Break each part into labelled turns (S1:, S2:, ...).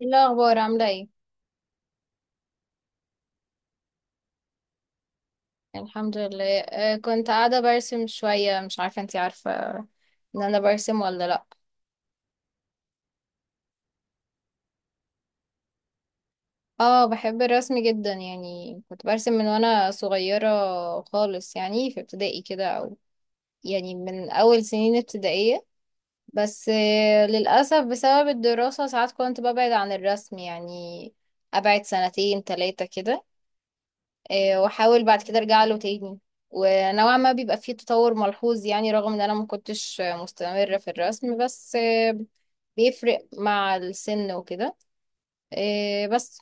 S1: إيه الأخبار عاملة ايه؟ الحمد لله، كنت قاعدة برسم شوية. مش عارفة انتي عارفة ان انا برسم ولا لأ. اه، بحب الرسم جدا، يعني كنت برسم من وانا صغيرة خالص، يعني في ابتدائي كده، او يعني من اول سنين ابتدائية. بس للأسف بسبب الدراسة ساعات كنت ببعد عن الرسم، يعني ابعد سنتين تلاتة كده. واحاول بعد كده ارجع له تاني، ونوعا ما بيبقى فيه تطور ملحوظ، يعني رغم ان انا ما كنتش مستمرة في الرسم، بس بيفرق مع السن وكده. آه، بس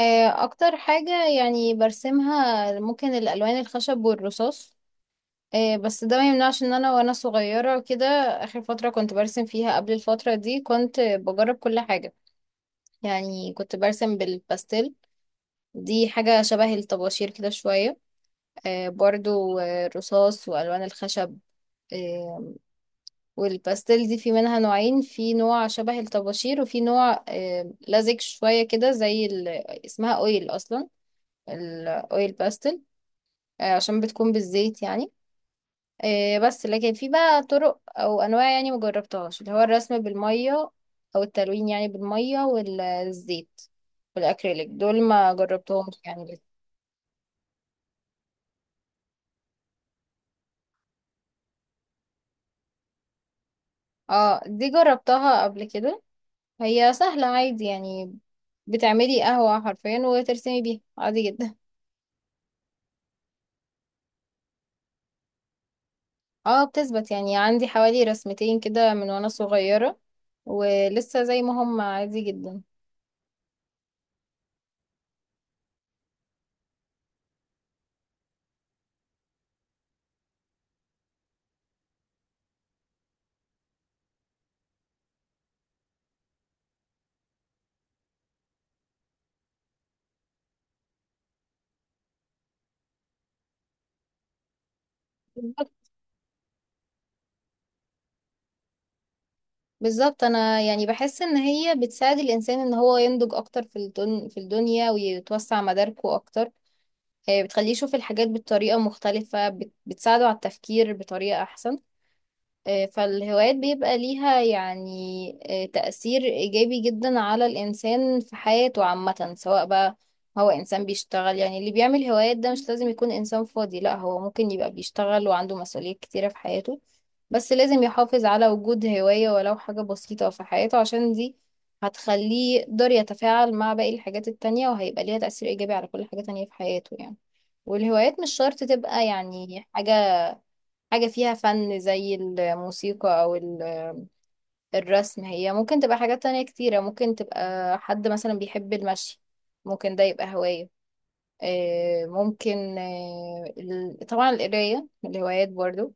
S1: آه، اكتر حاجة يعني برسمها ممكن الالوان الخشب والرصاص. بس ده ما يمنعش ان انا وانا صغيرة وكده اخر فترة كنت برسم فيها قبل الفترة دي كنت بجرب كل حاجة. يعني كنت برسم بالباستيل، دي حاجة شبه الطباشير كده شوية. برضو الرصاص وألوان الخشب. آه، والباستيل دي في منها نوعين، في نوع شبه الطباشير وفي نوع لزج شوية كده زي ال... اسمها أويل أصلا، الأويل باستيل، عشان بتكون بالزيت يعني. بس لكن في بقى طرق أو أنواع يعني مجربتهاش، اللي هو الرسم بالمية، أو التلوين يعني بالمية والزيت والأكريليك، دول ما جربتهمش يعني لسه. اه، دي جربتها قبل كده، هي سهلة عادي يعني. بتعملي قهوة حرفيا وترسمي بيها عادي جدا. اه بتثبت، يعني عندي حوالي رسمتين كده من وانا صغيرة ولسه زي ما هم عادي جدا. بالظبط. بالظبط، انا يعني بحس ان هي بتساعد الانسان ان هو ينضج اكتر في الدنيا ويتوسع مداركه اكتر. بتخليه يشوف الحاجات بطريقة مختلفة، بتساعده على التفكير بطريقة احسن. فالهوايات بيبقى ليها يعني تأثير إيجابي جدا على الإنسان في حياته عامة. سواء بقى هو إنسان بيشتغل، يعني اللي بيعمل هوايات ده مش لازم يكون إنسان فاضي، لا، هو ممكن يبقى بيشتغل وعنده مسؤوليات كتيرة في حياته، بس لازم يحافظ على وجود هواية ولو حاجة بسيطة في حياته، عشان دي هتخليه يقدر يتفاعل مع باقي الحاجات التانية وهيبقى ليها تأثير إيجابي على كل حاجة تانية في حياته يعني. والهوايات مش شرط تبقى يعني حاجة فيها فن زي الموسيقى أو الرسم، هي ممكن تبقى حاجات تانية كتيرة، ممكن تبقى حد مثلا بيحب المشي ممكن ده يبقى هواية. طبعا القراية من الهوايات برضو.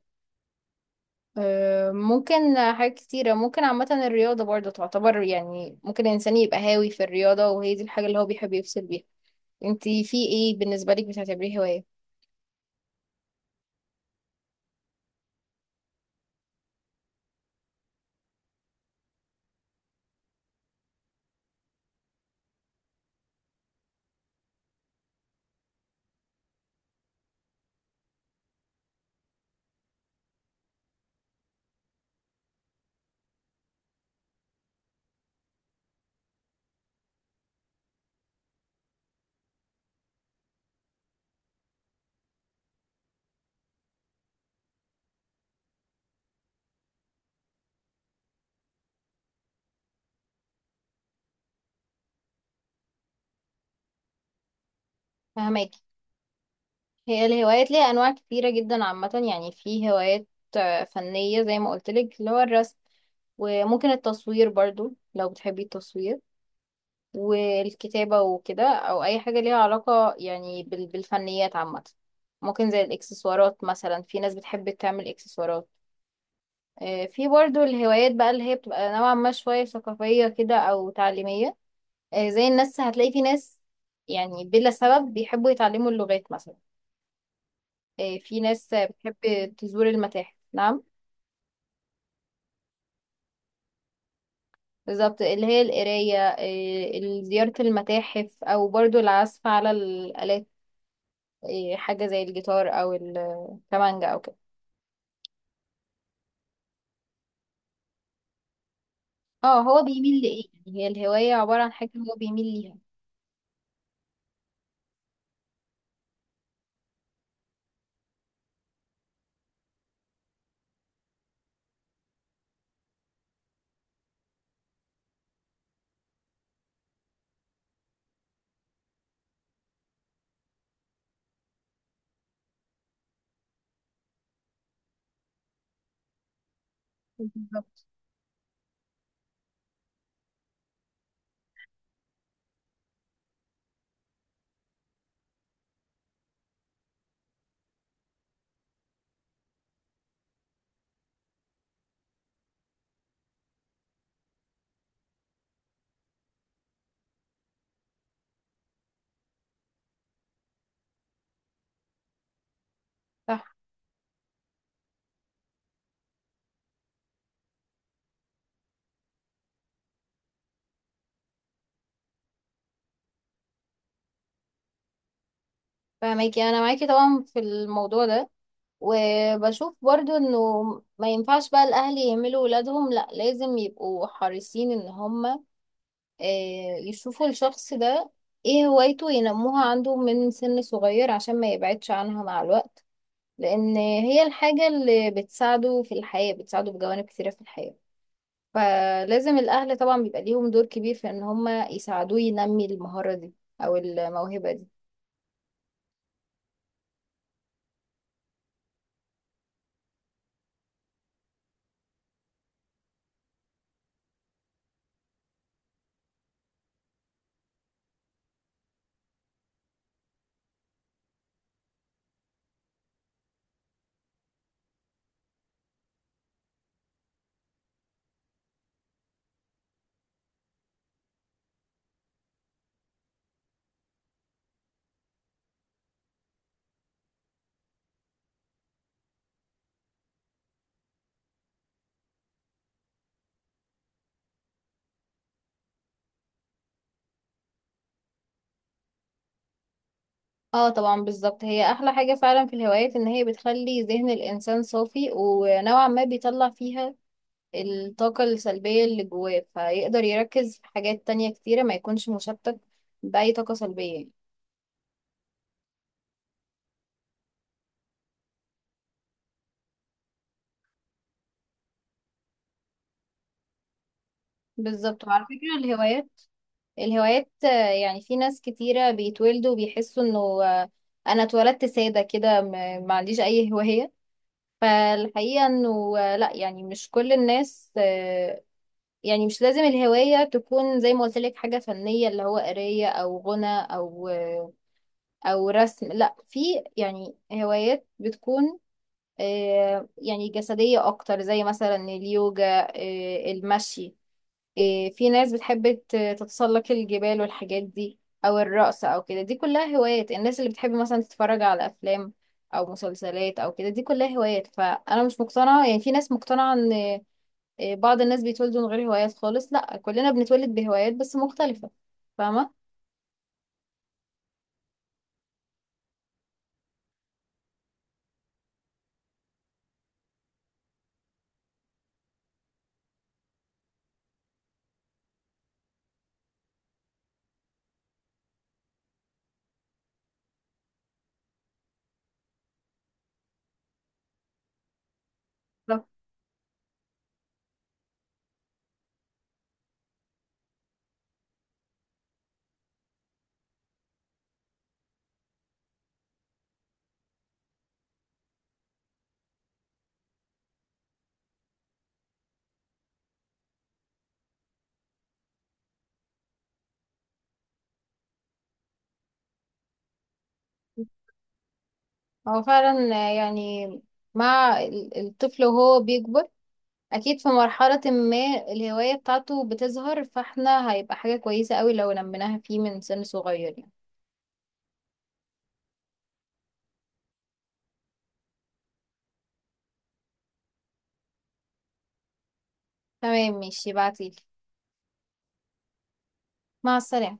S1: آه، ممكن حاجات كتيرة ممكن. عامة الرياضة برضو تعتبر، يعني ممكن الإنسان يبقى هاوي في الرياضة وهي دي الحاجة اللي هو بيحب يفصل بيها. انتي في ايه بالنسبة لك بتعتبريه هواية؟ فهماكي. هي الهوايات ليها انواع كتيره جدا عامه، يعني في هوايات فنيه زي ما قلت لك، اللي هو الرسم، وممكن التصوير برضو لو بتحبي التصوير، والكتابه وكده، او اي حاجه ليها علاقه يعني بالفنيات عامه. ممكن زي الاكسسوارات، مثلا في ناس بتحب تعمل اكسسوارات. في برضو الهوايات بقى اللي هي بتبقى نوعا ما شويه ثقافيه كده او تعليميه. زي الناس هتلاقي في ناس يعني بلا سبب بيحبوا يتعلموا اللغات مثلا. في ناس بتحب تزور المتاحف. نعم، بالظبط، اللي هي القراية، زيارة المتاحف، أو برضو العزف على الآلات، حاجة زي الجيتار أو الكمانجا أو كده. اه، هو بيميل لإيه، يعني هي الهواية عبارة عن حاجة هو بيميل ليها. بالظبط. صح. فاهماكي، أنا معاكي طبعا في الموضوع ده. وبشوف برضو انه ما ينفعش بقى الاهل يهملوا ولادهم، لا لازم يبقوا حريصين ان هم يشوفوا الشخص ده ايه هوايته، ينموها عنده من سن صغير عشان ما يبعدش عنها مع الوقت. لان هي الحاجة اللي بتساعده في الحياة، بتساعده في جوانب كثيرة في الحياة. فلازم الاهل طبعا بيبقى ليهم دور كبير في ان هما يساعدوه ينمي المهارة دي او الموهبة دي. اه طبعا، بالظبط. هي احلى حاجة فعلا في الهوايات ان هي بتخلي ذهن الانسان صافي، ونوعا ما بيطلع فيها الطاقة السلبية اللي جواه، فيقدر يركز في حاجات تانية كتيرة ما يكونش مشتت بأي طاقة سلبية يعني. بالظبط. وعلى فكرة الهوايات، الهوايات آه، يعني في ناس كتيرة بيتولدوا بيحسوا انه انا اتولدت سادة كده، ما عنديش اي هواية. فالحقيقة انه لا، يعني مش كل الناس يعني مش لازم الهواية تكون زي ما قلت لك حاجة فنية، اللي هو قراية او غنى او رسم، لا، في يعني هوايات بتكون يعني جسدية أكتر زي مثلا اليوجا، المشي، في ناس بتحب تتسلق الجبال والحاجات دي، أو الرقص أو كده، دي كلها هوايات. الناس اللي بتحب مثلا تتفرج على أفلام أو مسلسلات أو كده دي كلها هوايات. فأنا مش مقتنعة، يعني في ناس مقتنعة إن بعض الناس بيتولدوا من غير هوايات خالص، لأ كلنا بنتولد بهوايات بس مختلفة. فاهمة؟ بالظبط. هو فعلا يعني مع الطفل وهو بيكبر اكيد في مرحلة ما الهواية بتاعته بتظهر، فاحنا هيبقى حاجة كويسة قوي لو نميناها فيه من سن صغير يعني. تمام ماشي، بعتيلي. مع السلامة.